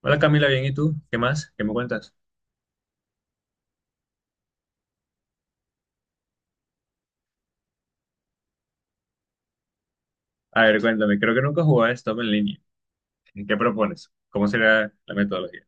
Hola Camila, bien, ¿y tú? ¿Qué más? ¿Qué me cuentas? A ver, cuéntame, creo que nunca jugaba Stop en línea. ¿Qué propones? ¿Cómo sería la metodología?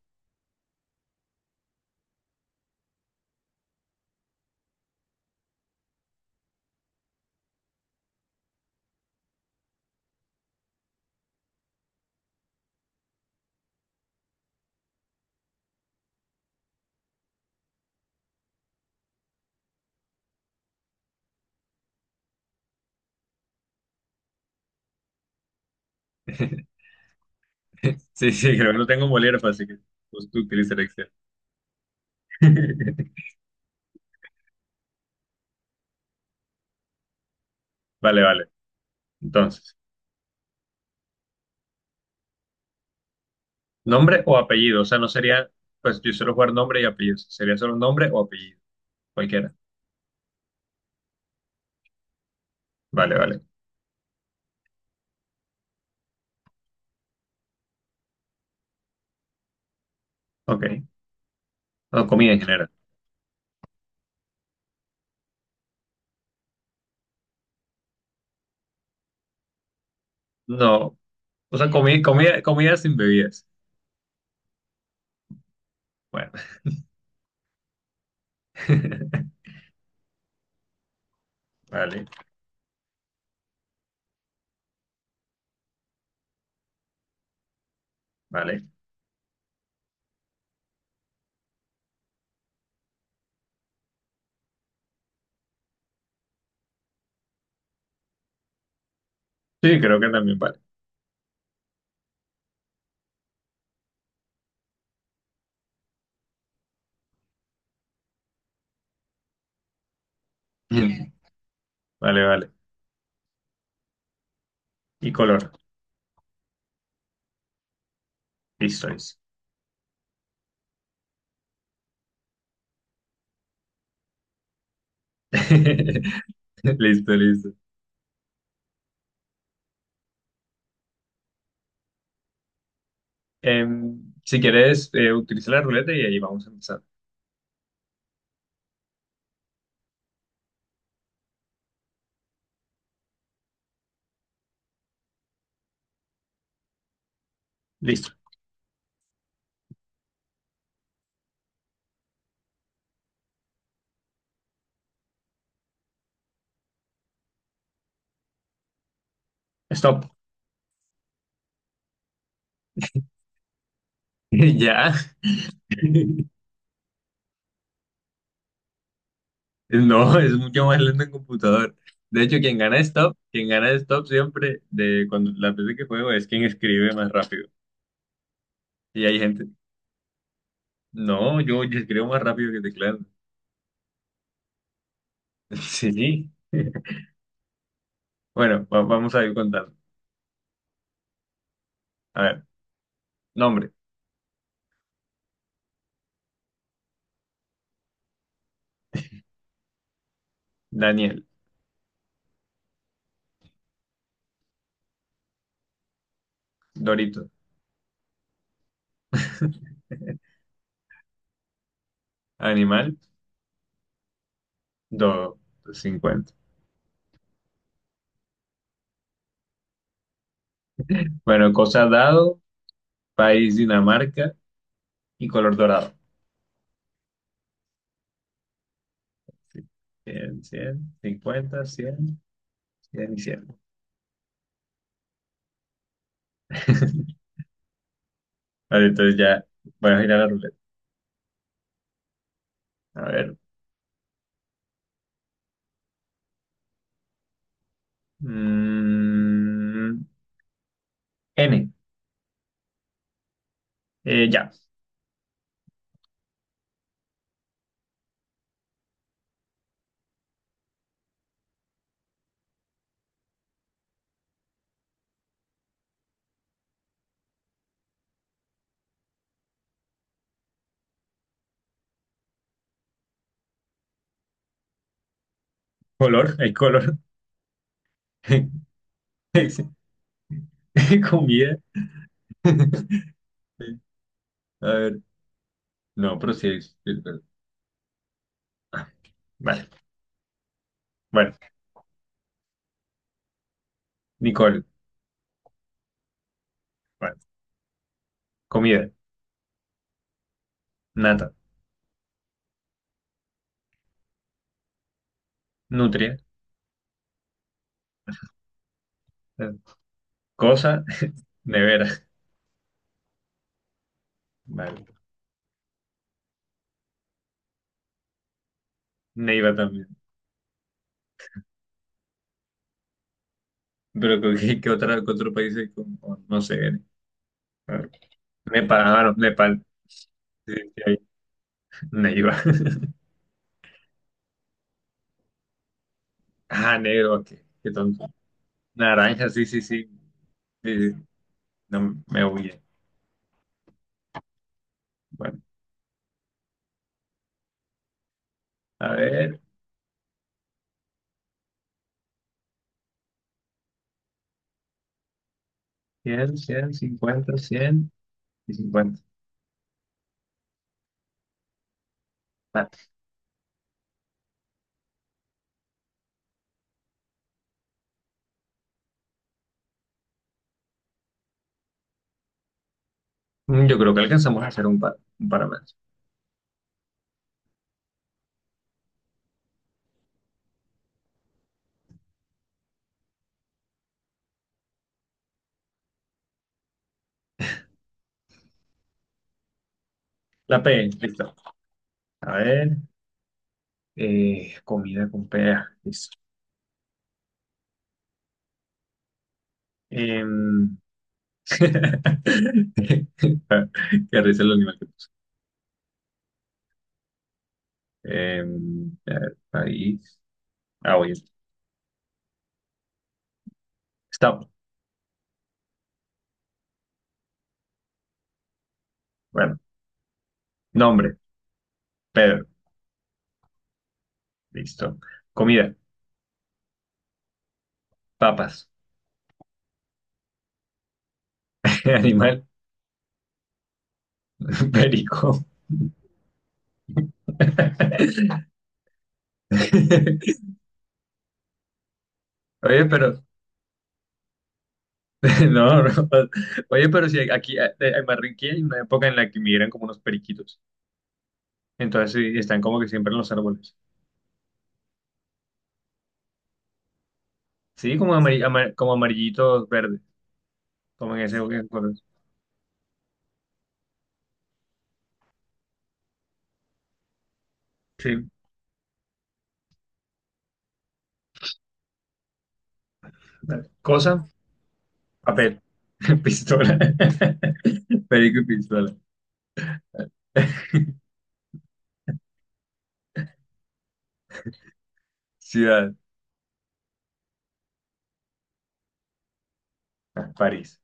Sí, sí, creo que no tengo un bolígrafo, así que pues, tú utilizas el Excel. Vale, vale. Entonces, nombre o apellido, o sea, no sería, pues yo suelo jugar nombre y apellido, sería solo nombre o apellido, cualquiera. Vale, vale. Ok. O comida en general. No, o sea, comida, comida, comida sin bebidas. Bueno. Vale, vale. Sí, creo que también vale. Vale, vale. Y color. Listo, listo. Listo, listo. Si quieres, utiliza la ruleta y ahí vamos a empezar. Listo. Stop. Ya. No, es mucho más lento en computador. De hecho, quien gana stop siempre, de cuando las veces que juego, es quien escribe más rápido. Y hay gente, no, yo escribo más rápido que teclado. Sí. Bueno, vamos a ir contando. A ver, nombre, Daniel, Dorito. Animal, dos, cincuenta. Bueno, cosa dado, país Dinamarca y color dorado. Sí. Cien, 100, 50, cien, 100 y 100. Vale, entonces ya voy a girar la ruleta. A ver. Mm, N. Ya. Color, hay color. Comida. A ver. No, pero sí es verdad. Ah, Vale. Bueno, Nicole. Vale. Comida. Nata. Nutria. eh, Cosa. Nevera. Vale. Neiva también. Pero ¿con ¿qué, qué otra, qué otro país hay no sé. A ver. Nepal, ah, no, Nepal. Sí, sí, hay. Neiva. Ah, negro, ok, qué tonto. Naranja, sí, sí, sí. Sí, sí. No, me huye. Bueno, a ver, cien, cien, cincuenta, cien y cincuenta. Vale. Yo creo que alcanzamos a hacer un par más. La P, listo. A ver, comida con P, ah, listo. Em, Qué risa el animal. A ver, país. Ah, oye. Stop. Bueno, nombre. Pedro. Listo. Comida. Papas. Animal. Perico. Oye, pero. No, no. Oye, pero si aquí en Barranquilla hay una época en la que migran como unos periquitos. Entonces sí, están como que siempre en los árboles. Sí, como, como amarillitos verdes. Como en ese. En color. Sí. Dale. Cosa. Papel. Pistola. Perico y pistola. Ciudad. Ah, París.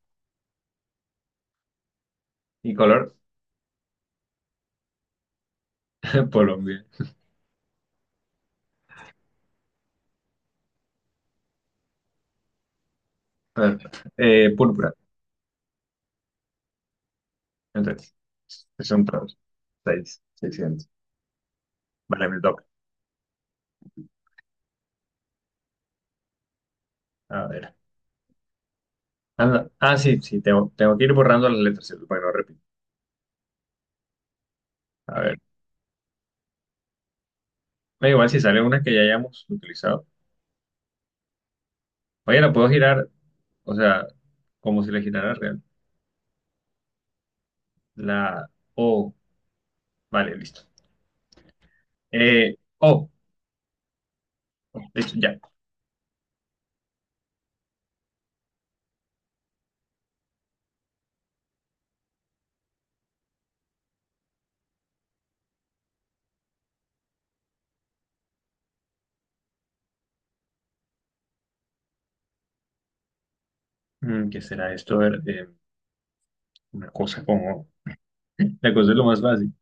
Y color, Colombia. Ah, púrpura. Entonces, son todos. Seis, seiscientos. Vale, me toca. A ver. Anda. Ah, sí, sí, tengo que ir borrando las letras, ¿cierto? Para que no repito. A ver. Da igual si sale una que ya hayamos utilizado. Oye, la puedo girar, o sea, como si la girara real. La O. Vale, listo. O. Listo, ya. ¿Qué será esto? A ver, una cosa como... La cosa es lo más fácil.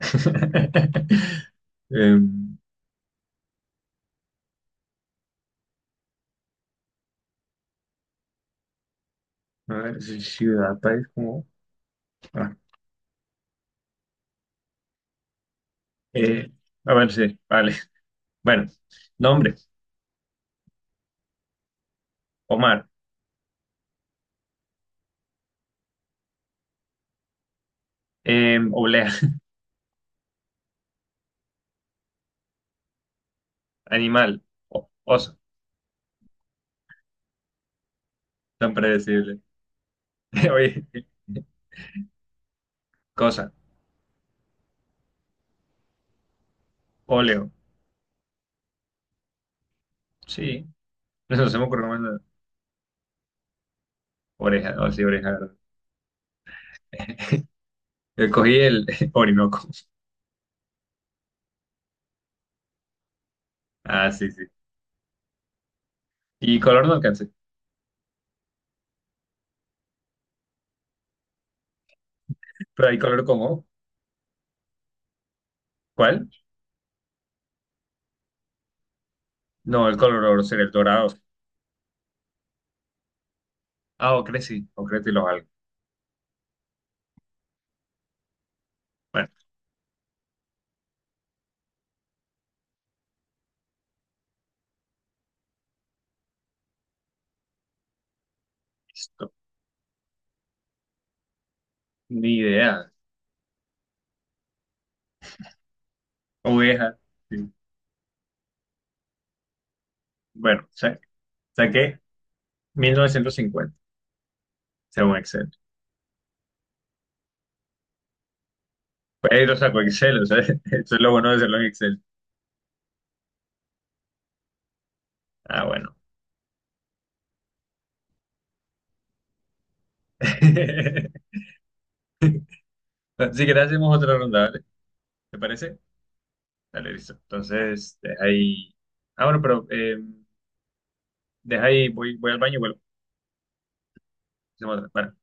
Em, A ver, si ciudad, país, como... ah, eh, a ver, sí, vale. Bueno, nombre, Omar. Oblea, animal, oso. Tan predecible. Oye, cosa, óleo. Sí, no se me ocurrió más nada. Oreja, no, sí, oreja, ¿verdad? Cogí el Orinoco. Ah, sí, sí. Y color no alcancé. Pero hay color como, ¿cuál? No, el color oro sería el dorado. Ah, ocre sí, ocre y los algo. Bueno, listo. Ni idea. Oveja. Sí. Bueno, sí. Saqué 1950, según Excel. Pero lo saco Excel, o sea, eso es lo bueno de hacerlo en Excel. Ah, bueno. Si querés, hacemos otra ronda, ¿vale? ¿Te parece? Dale, listo. Entonces, deja ahí. Ah, bueno, pero deja ahí, voy al baño y vuelvo. Hacemos otra. Bueno.